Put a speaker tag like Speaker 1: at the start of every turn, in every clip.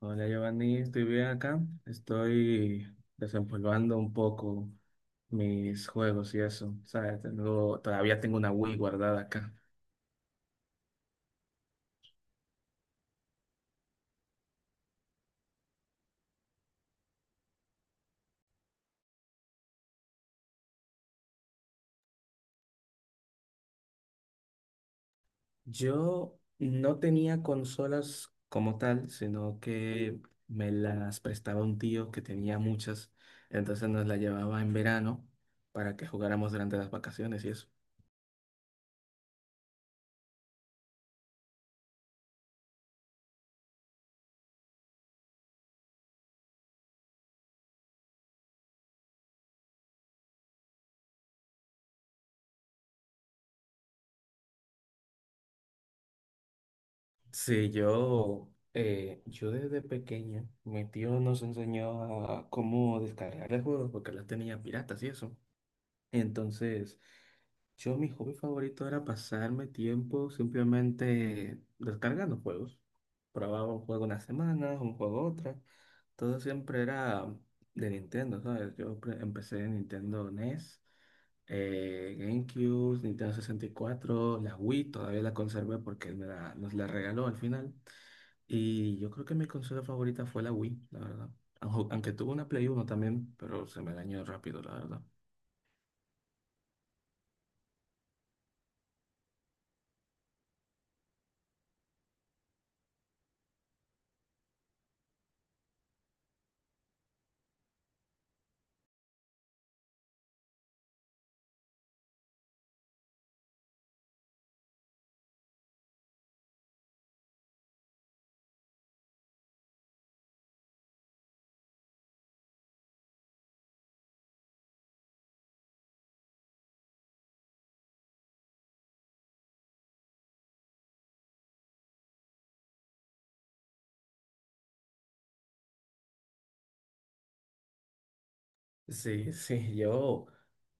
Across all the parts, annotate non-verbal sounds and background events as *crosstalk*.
Speaker 1: Hola Giovanni, estoy bien acá. Estoy desempolvando un poco mis juegos y eso. ¿Sabes? Todavía tengo una Wii guardada acá. Yo no tenía consolas como tal, sino que me las prestaba un tío que tenía muchas. Entonces nos las llevaba en verano para que jugáramos durante las vacaciones y eso. Sí, yo desde pequeño, mi tío nos enseñó a cómo descargar el juego porque la tenía piratas y eso. Entonces, yo mi hobby favorito era pasarme tiempo simplemente descargando juegos. Probaba un juego una semana, un juego otra. Todo siempre era de Nintendo, ¿sabes? Empecé en Nintendo NES, GameCube, Nintendo 64, la Wii todavía la conservé porque nos la regaló al final. Y yo creo que mi consola favorita fue la Wii, la verdad. Aunque tuve una Play Uno también, pero se me dañó rápido, la verdad. Sí, sí, yo,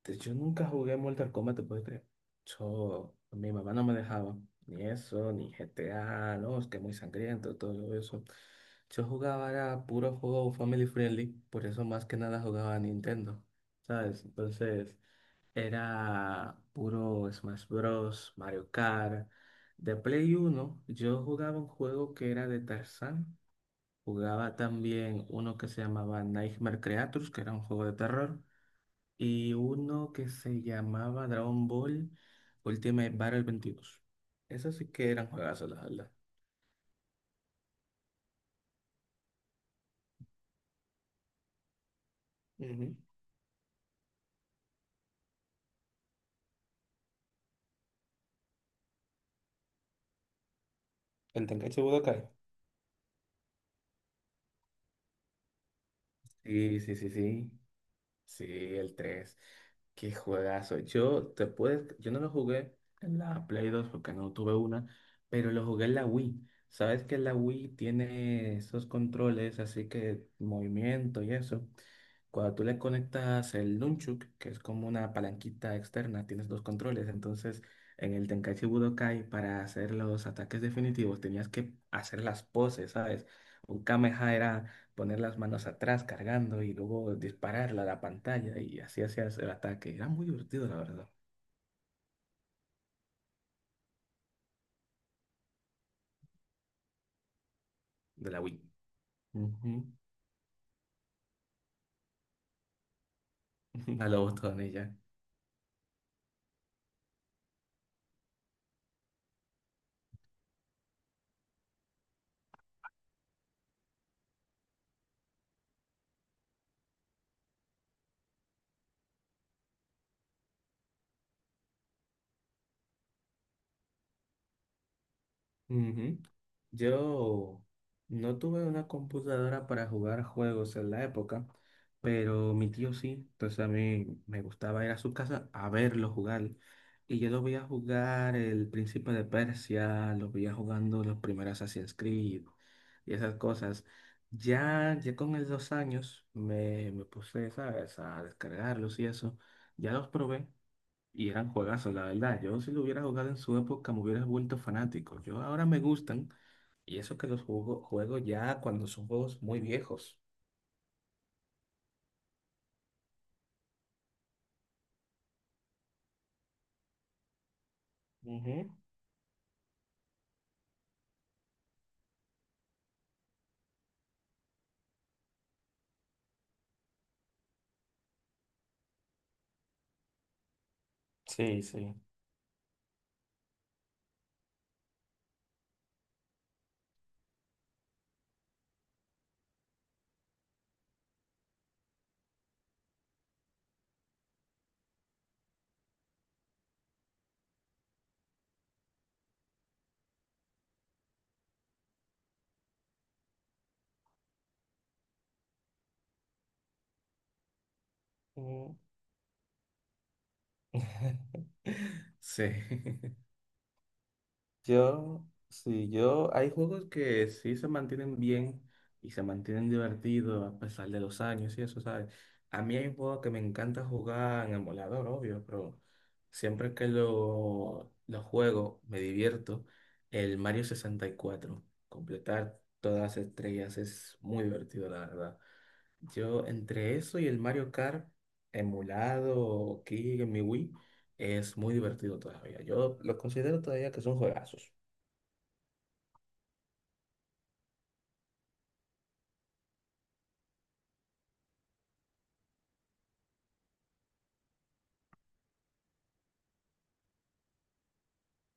Speaker 1: de- yo nunca jugué Mortal Kombat, te puedes creer. Yo, mi mamá no me dejaba, ni eso, ni GTA, no, es que muy sangriento, todo eso. Yo jugaba, era puro juego family friendly, por eso más que nada jugaba a Nintendo, ¿sabes? Entonces, era puro Smash Bros, Mario Kart. De Play Uno, yo jugaba un juego que era de Tarzán. Jugaba también uno que se llamaba Nightmare Creatures, que era un juego de terror y uno que se llamaba Dragon Ball Ultimate Battle 22. Esos sí que eran juegazos, la verdad. Ujú. El Tenkaichi Budokai. Sí, sí, sí, sí. Sí, el tres. Qué juegazo. Yo no lo jugué en la Play 2 porque no tuve una, pero lo jugué en la Wii. Sabes que la Wii tiene esos controles, así que movimiento y eso. Cuando tú le conectas el nunchuk, que es como una palanquita externa, tienes dos controles. Entonces, en el Tenkaichi Budokai, para hacer los ataques definitivos, tenías que hacer las poses, ¿sabes? Un Kamehameha, poner las manos atrás cargando y luego dispararla a la pantalla y así hacías el ataque. Era muy divertido, la verdad, de la Wii. Ujú. *laughs* A lo ya. Ujú. Yo no tuve una computadora para jugar juegos en la época, pero mi tío sí, entonces a mí me gustaba ir a su casa a verlo jugar. Y yo lo veía jugar el Príncipe de Persia, lo veía jugando los primeros Assassin's Creed y esas cosas. Ya, ya con el 2 años me puse, ¿sabes?, a descargarlos y eso. Ya los probé, y eran juegazos, la verdad. Yo si lo hubiera jugado en su época me hubiera vuelto fanático. Yo ahora me gustan y eso que los juego, juego ya cuando son juegos muy viejos. Ujú. Sí, sí. Ujú. *laughs* Sí. *laughs* Sí, hay juegos que sí se mantienen bien y se mantienen divertidos a pesar de los años y eso, ¿sabes? A mí hay un juego que me encanta jugar en emulador, obvio, pero siempre que lo juego me divierto. El Mario 64, completar todas las estrellas, es muy divertido, la verdad. Yo, entre eso y el Mario Kart, emulado aquí en mi Wii, es muy divertido todavía. Yo lo considero todavía que son juegazos.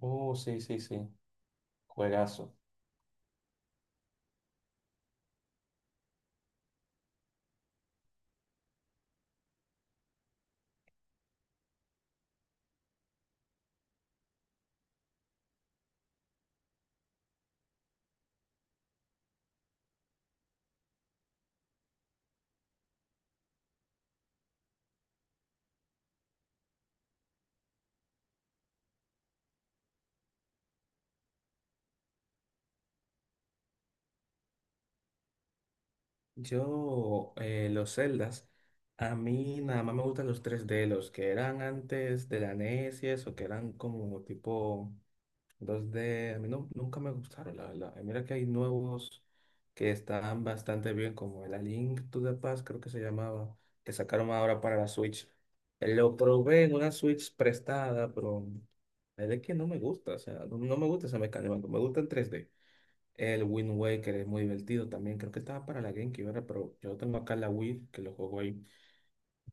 Speaker 1: Oh, sí, sí, sí. Juegazo. Yo, los Zeldas, a mí nada más me gustan los 3D, los que eran antes de la NES y eso, que eran como tipo 2D. A mí nunca me gustaron, la verdad. Y mira que hay nuevos que están bastante bien, como el A Link to the Past, creo que se llamaba, que sacaron ahora para la Switch. Lo probé en una Switch prestada, pero es de que no me gusta, o sea, no me gusta esa mecánica, me gusta en 3D. El Wind Waker es muy divertido también. Creo que estaba para la GameCube, ¿verdad? Pero yo tengo acá la Wii, que lo juego ahí.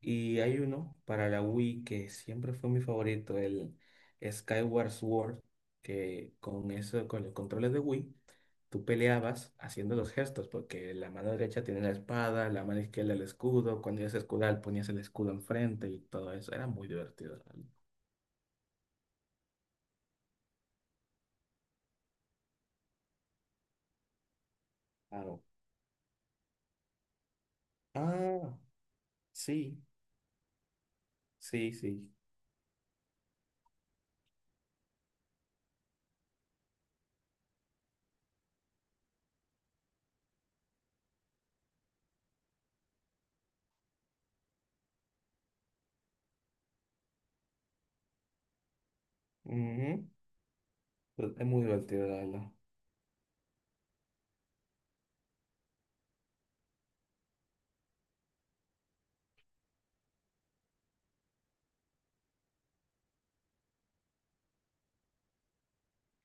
Speaker 1: Y hay uno para la Wii que siempre fue mi favorito, el Skyward Sword, que con eso, con los controles de Wii, tú peleabas haciendo los gestos, porque la mano derecha tiene la espada, la mano izquierda el escudo. Cuando ibas a escudar, ponías el escudo enfrente y todo eso. Era muy divertido, ¿la verdad? Claro. Ah, sí, sí, sí. Ujú. Es muy divertido, la verdad.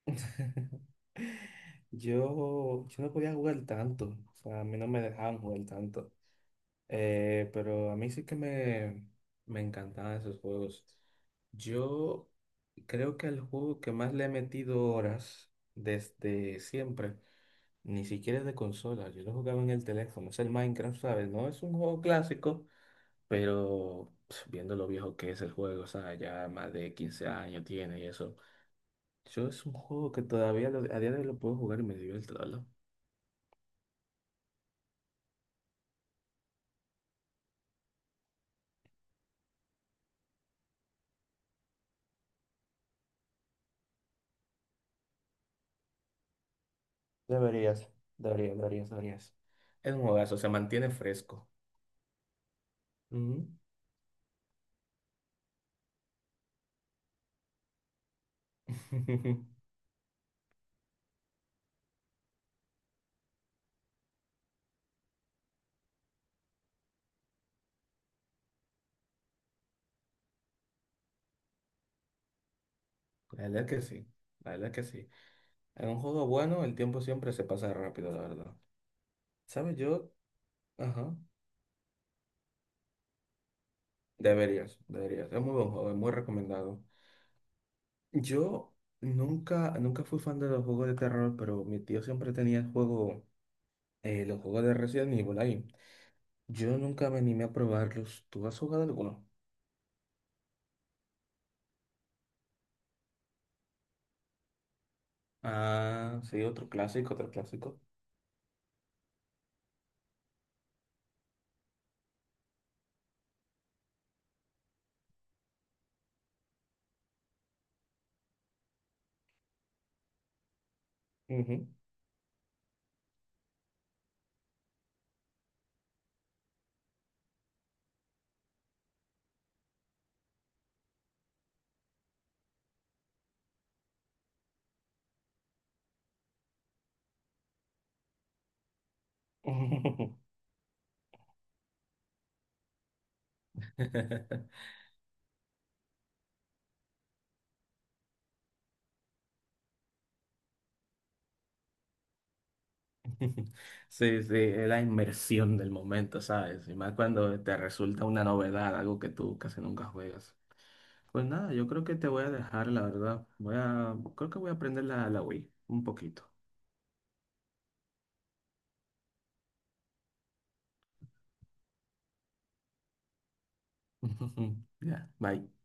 Speaker 1: *laughs* Yo no podía jugar tanto, o sea, a mí no me dejaban jugar tanto. Pero a mí sí que me encantaban esos juegos. Yo creo que el juego que más le he metido horas desde siempre, ni siquiera es de consola, yo lo jugaba en el teléfono, es el Minecraft, ¿sabes? No es un juego clásico, pero pf, viendo lo viejo que es el juego, o sea, ya más de 15 años tiene y eso. Yo es un juego que todavía a día de hoy lo puedo jugar y me divierte, la verdad. Deberías, deberías, deberías, deberías. Es un juegazo, se mantiene fresco. Ujú. *laughs* La verdad que sí, la verdad que sí. En un juego bueno, el tiempo siempre se pasa rápido, la verdad. ¿Sabes? Yo, ajá, deberías, deberías. Es muy buen juego, es muy recomendado. Yo nunca, nunca fui fan de los juegos de terror, pero mi tío siempre tenía el juego, los juegos de Resident Evil ahí. Yo nunca me animé a probarlos. ¿Tú has jugado alguno? Ah, sí, otro clásico, otro clásico. Ujú. *laughs* Sí, sí, es la inmersión del momento, ¿sabes? Y más cuando te resulta una novedad, algo que tú casi nunca juegas. Pues nada, yo creo que te voy a dejar, la verdad. Creo que voy a aprender la Wii un poquito. *laughs* Ya, bye.